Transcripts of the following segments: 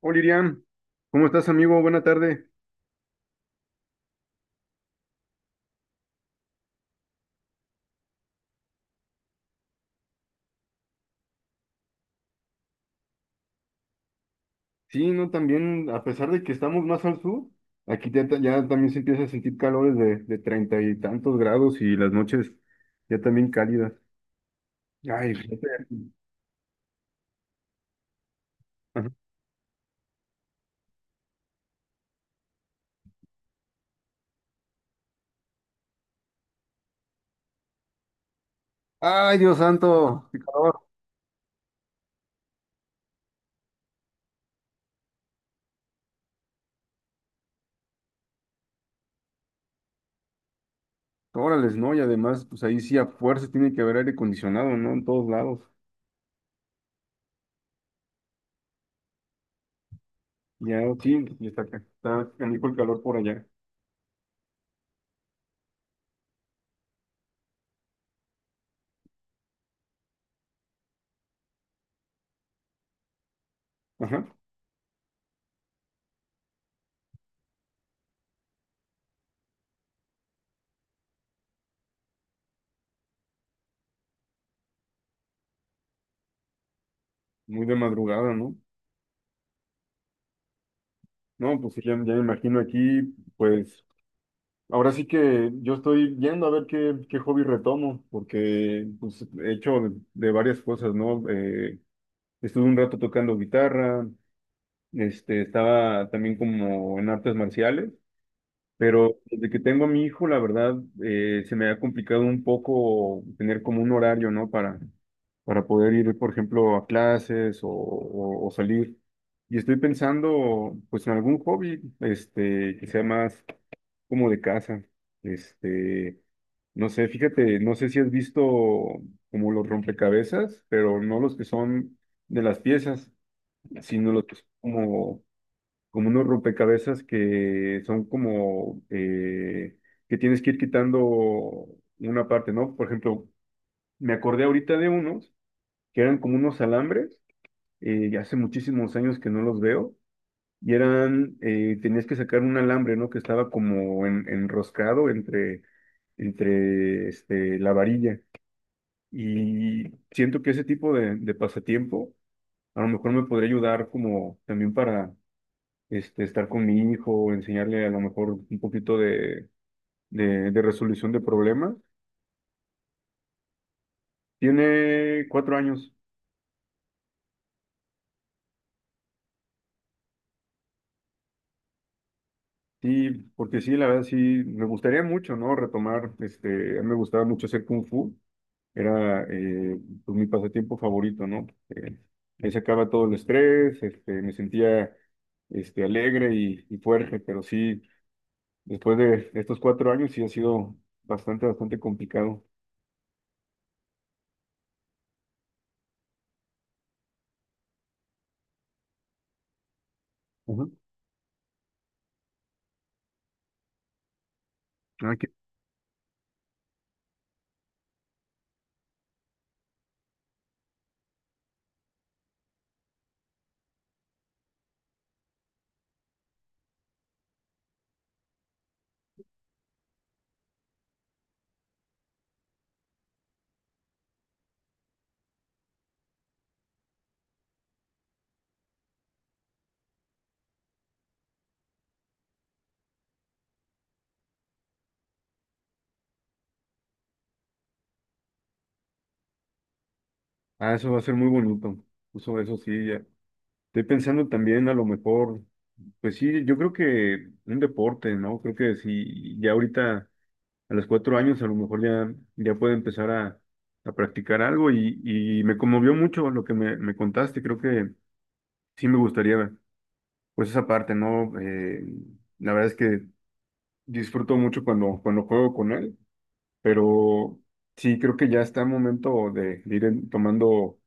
Hola, Iriam. ¿Cómo estás, amigo? Buena tarde. Sí, no, también, a pesar de que estamos más al sur, aquí ya, ya también se empieza a sentir calores de treinta y tantos grados y las noches ya también cálidas. Ay, fíjate. Ajá. Ay, Dios santo, qué calor. Órales, ¿no? Y además, pues ahí sí a fuerza tiene que haber aire acondicionado, ¿no? En todos lados. Ya, sí, y está canijo el calor por allá. Ajá, muy de madrugada, ¿no? No, pues sí, ya me imagino aquí, pues. Ahora sí que yo estoy viendo a ver qué hobby retomo, porque pues, he hecho de varias cosas, ¿no? Estuve un rato tocando guitarra, este, estaba también como en artes marciales, pero desde que tengo a mi hijo, la verdad, se me ha complicado un poco tener como un horario, ¿no? Para poder ir, por ejemplo, a clases o salir. Y estoy pensando, pues, en algún hobby, este, que sea más como de casa. Este, no sé, fíjate, no sé si has visto como los rompecabezas, pero no los que son de las piezas, sino los que son como unos rompecabezas que son como que tienes que ir quitando una parte, ¿no? Por ejemplo, me acordé ahorita de unos que eran como unos alambres, y hace muchísimos años que no los veo y eran, tenías que sacar un alambre, ¿no? Que estaba como enroscado entre este, la varilla. Y siento que ese tipo de pasatiempo a lo mejor me podría ayudar como también para este, estar con mi hijo, enseñarle a lo mejor un poquito de resolución de problemas. Tiene 4 años, sí, porque sí, la verdad sí, me gustaría mucho, ¿no? Retomar, este, a mí me gustaba mucho hacer kung fu. Era pues, mi pasatiempo favorito, ¿no? Ahí sacaba todo el estrés, este, me sentía este, alegre y fuerte, pero sí, después de estos 4 años sí ha sido bastante, bastante complicado. Ujú. Ah, eso va a ser muy bonito. Eso sí, ya. Estoy pensando también a lo mejor, pues sí, yo creo que un deporte, ¿no? Creo que sí, ya ahorita. A los 4 años a lo mejor ya puede empezar a practicar algo y me conmovió mucho lo que me contaste. Creo que sí me gustaría, pues esa parte, ¿no? La verdad es que disfruto mucho cuando juego con él, pero sí creo que ya está el momento de ir tomando,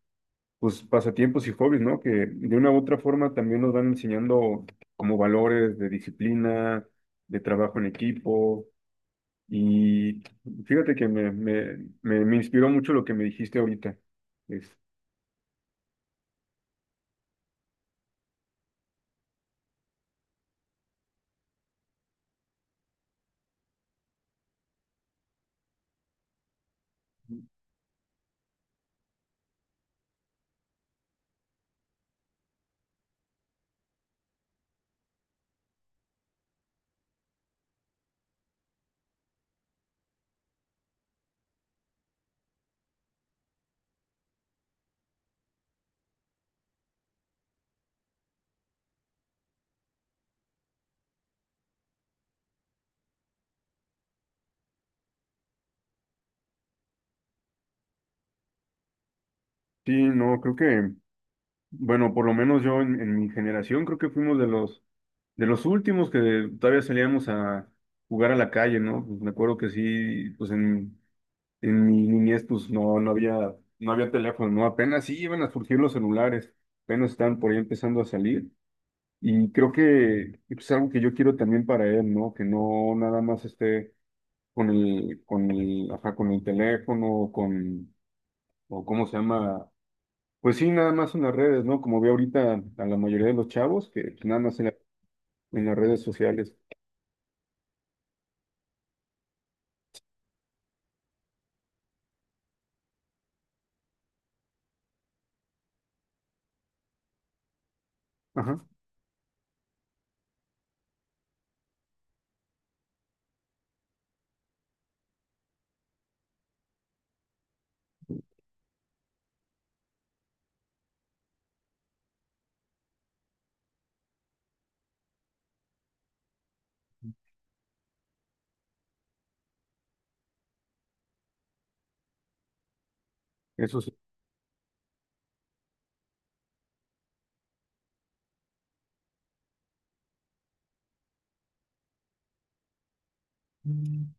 pues, pasatiempos y hobbies, ¿no? Que de una u otra forma también nos van enseñando como valores de disciplina, de trabajo en equipo. Y fíjate que me inspiró mucho lo que me dijiste ahorita. Es, sí, no, creo que, bueno, por lo menos yo en mi generación creo que fuimos de los últimos que todavía salíamos a jugar a la calle, ¿no? Pues me acuerdo que sí, pues en mi niñez pues no, no había teléfono, ¿no? Apenas sí iban a surgir los celulares, apenas están por ahí empezando a salir. Y creo que pues, es algo que yo quiero también para él, ¿no? Que no nada más esté ajá, con el teléfono, o cómo se llama, pues sí, nada más en las redes, ¿no? Como veo ahorita a la mayoría de los chavos, que pues, nada más en las redes sociales. Ajá, eso sí. Mm.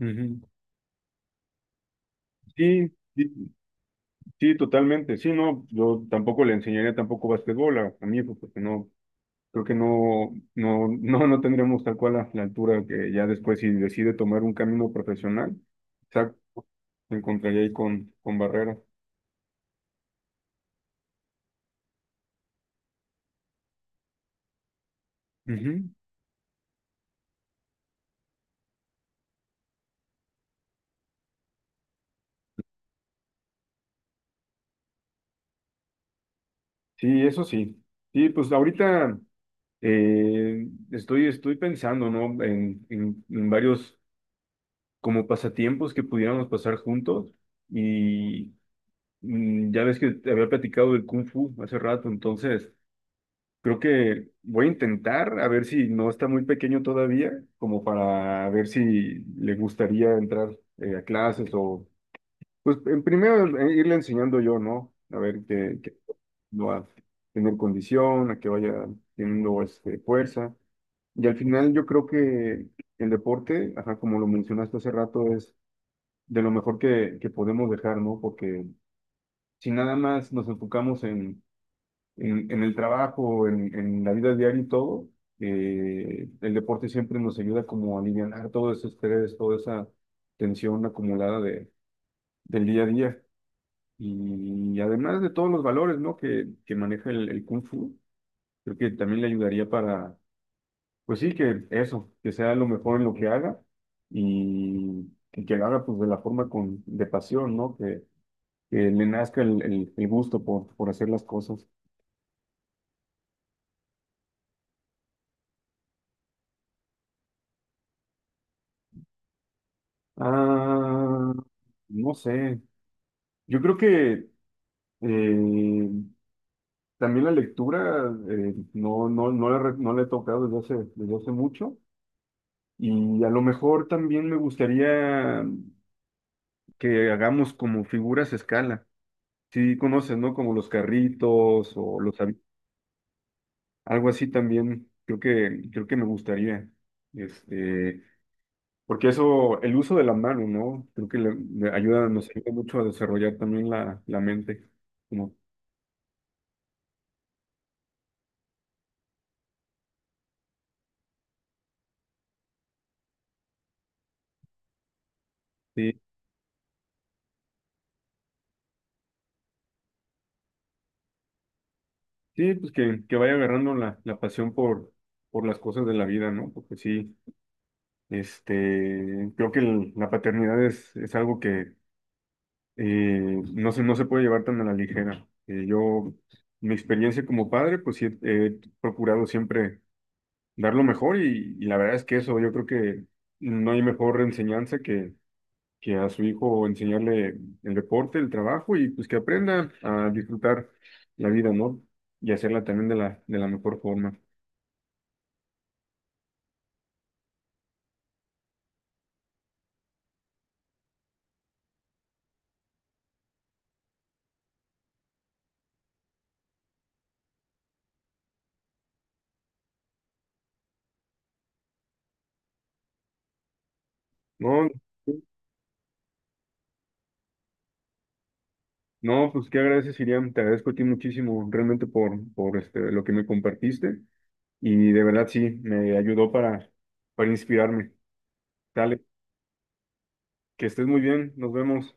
Ujú. Sí, sí, sí, totalmente. Sí, no, yo tampoco le enseñaría tampoco básquetbol a mi hijo, porque no, creo que no tendremos tal cual la altura que ya después si decide tomar un camino profesional, exacto, se encontraría ahí con barreras. Sí, eso sí. Sí, pues ahorita estoy pensando, ¿no? En varios como pasatiempos que pudiéramos pasar juntos. Y ya ves que te había platicado del Kung Fu hace rato, entonces creo que voy a intentar a ver si no está muy pequeño todavía, como para ver si le gustaría entrar a clases pues en primero irle enseñando yo, ¿no? A ver que va a tener condición, a que vaya teniendo este, fuerza. Y al final yo creo que el deporte, ajá, como lo mencionaste hace rato, es de lo mejor que podemos dejar, ¿no? Porque si nada más nos enfocamos en el trabajo, en la vida diaria y todo, el deporte siempre nos ayuda como a alivianar todo ese estrés, toda esa tensión acumulada del día a día. Y además de todos los valores, ¿no? que maneja el Kung Fu, creo que también le ayudaría para, pues sí, que eso, que sea lo mejor en lo que haga y que lo haga pues de la forma de pasión, ¿no? Que le nazca el gusto por hacer las cosas. Ah, no sé, yo creo que eh, también la lectura no la he tocado desde hace mucho. Y a lo mejor también me gustaría que hagamos como figuras a escala. Sí, conoces, ¿no? Como los carritos algo así también. Creo que me gustaría. Este, porque eso, el uso de la mano, ¿no? Creo que le ayuda, nos ayuda mucho a desarrollar también la mente. Como, sí, sí, pues que vaya agarrando la pasión por las cosas de la vida, ¿no? Porque sí, este, creo que la paternidad es algo que no se puede llevar tan a la ligera. Yo, mi experiencia como padre, pues sí, he procurado siempre dar lo mejor y la verdad es que eso, yo creo que no hay mejor enseñanza que a su hijo enseñarle el deporte, el trabajo y pues que aprenda a disfrutar la vida, ¿no? Y hacerla también de la mejor forma. No, no, pues qué agradeces, Iriam, te agradezco a ti muchísimo realmente por este, lo que me compartiste. Y de verdad sí, me ayudó para inspirarme. Dale, que estés muy bien, nos vemos.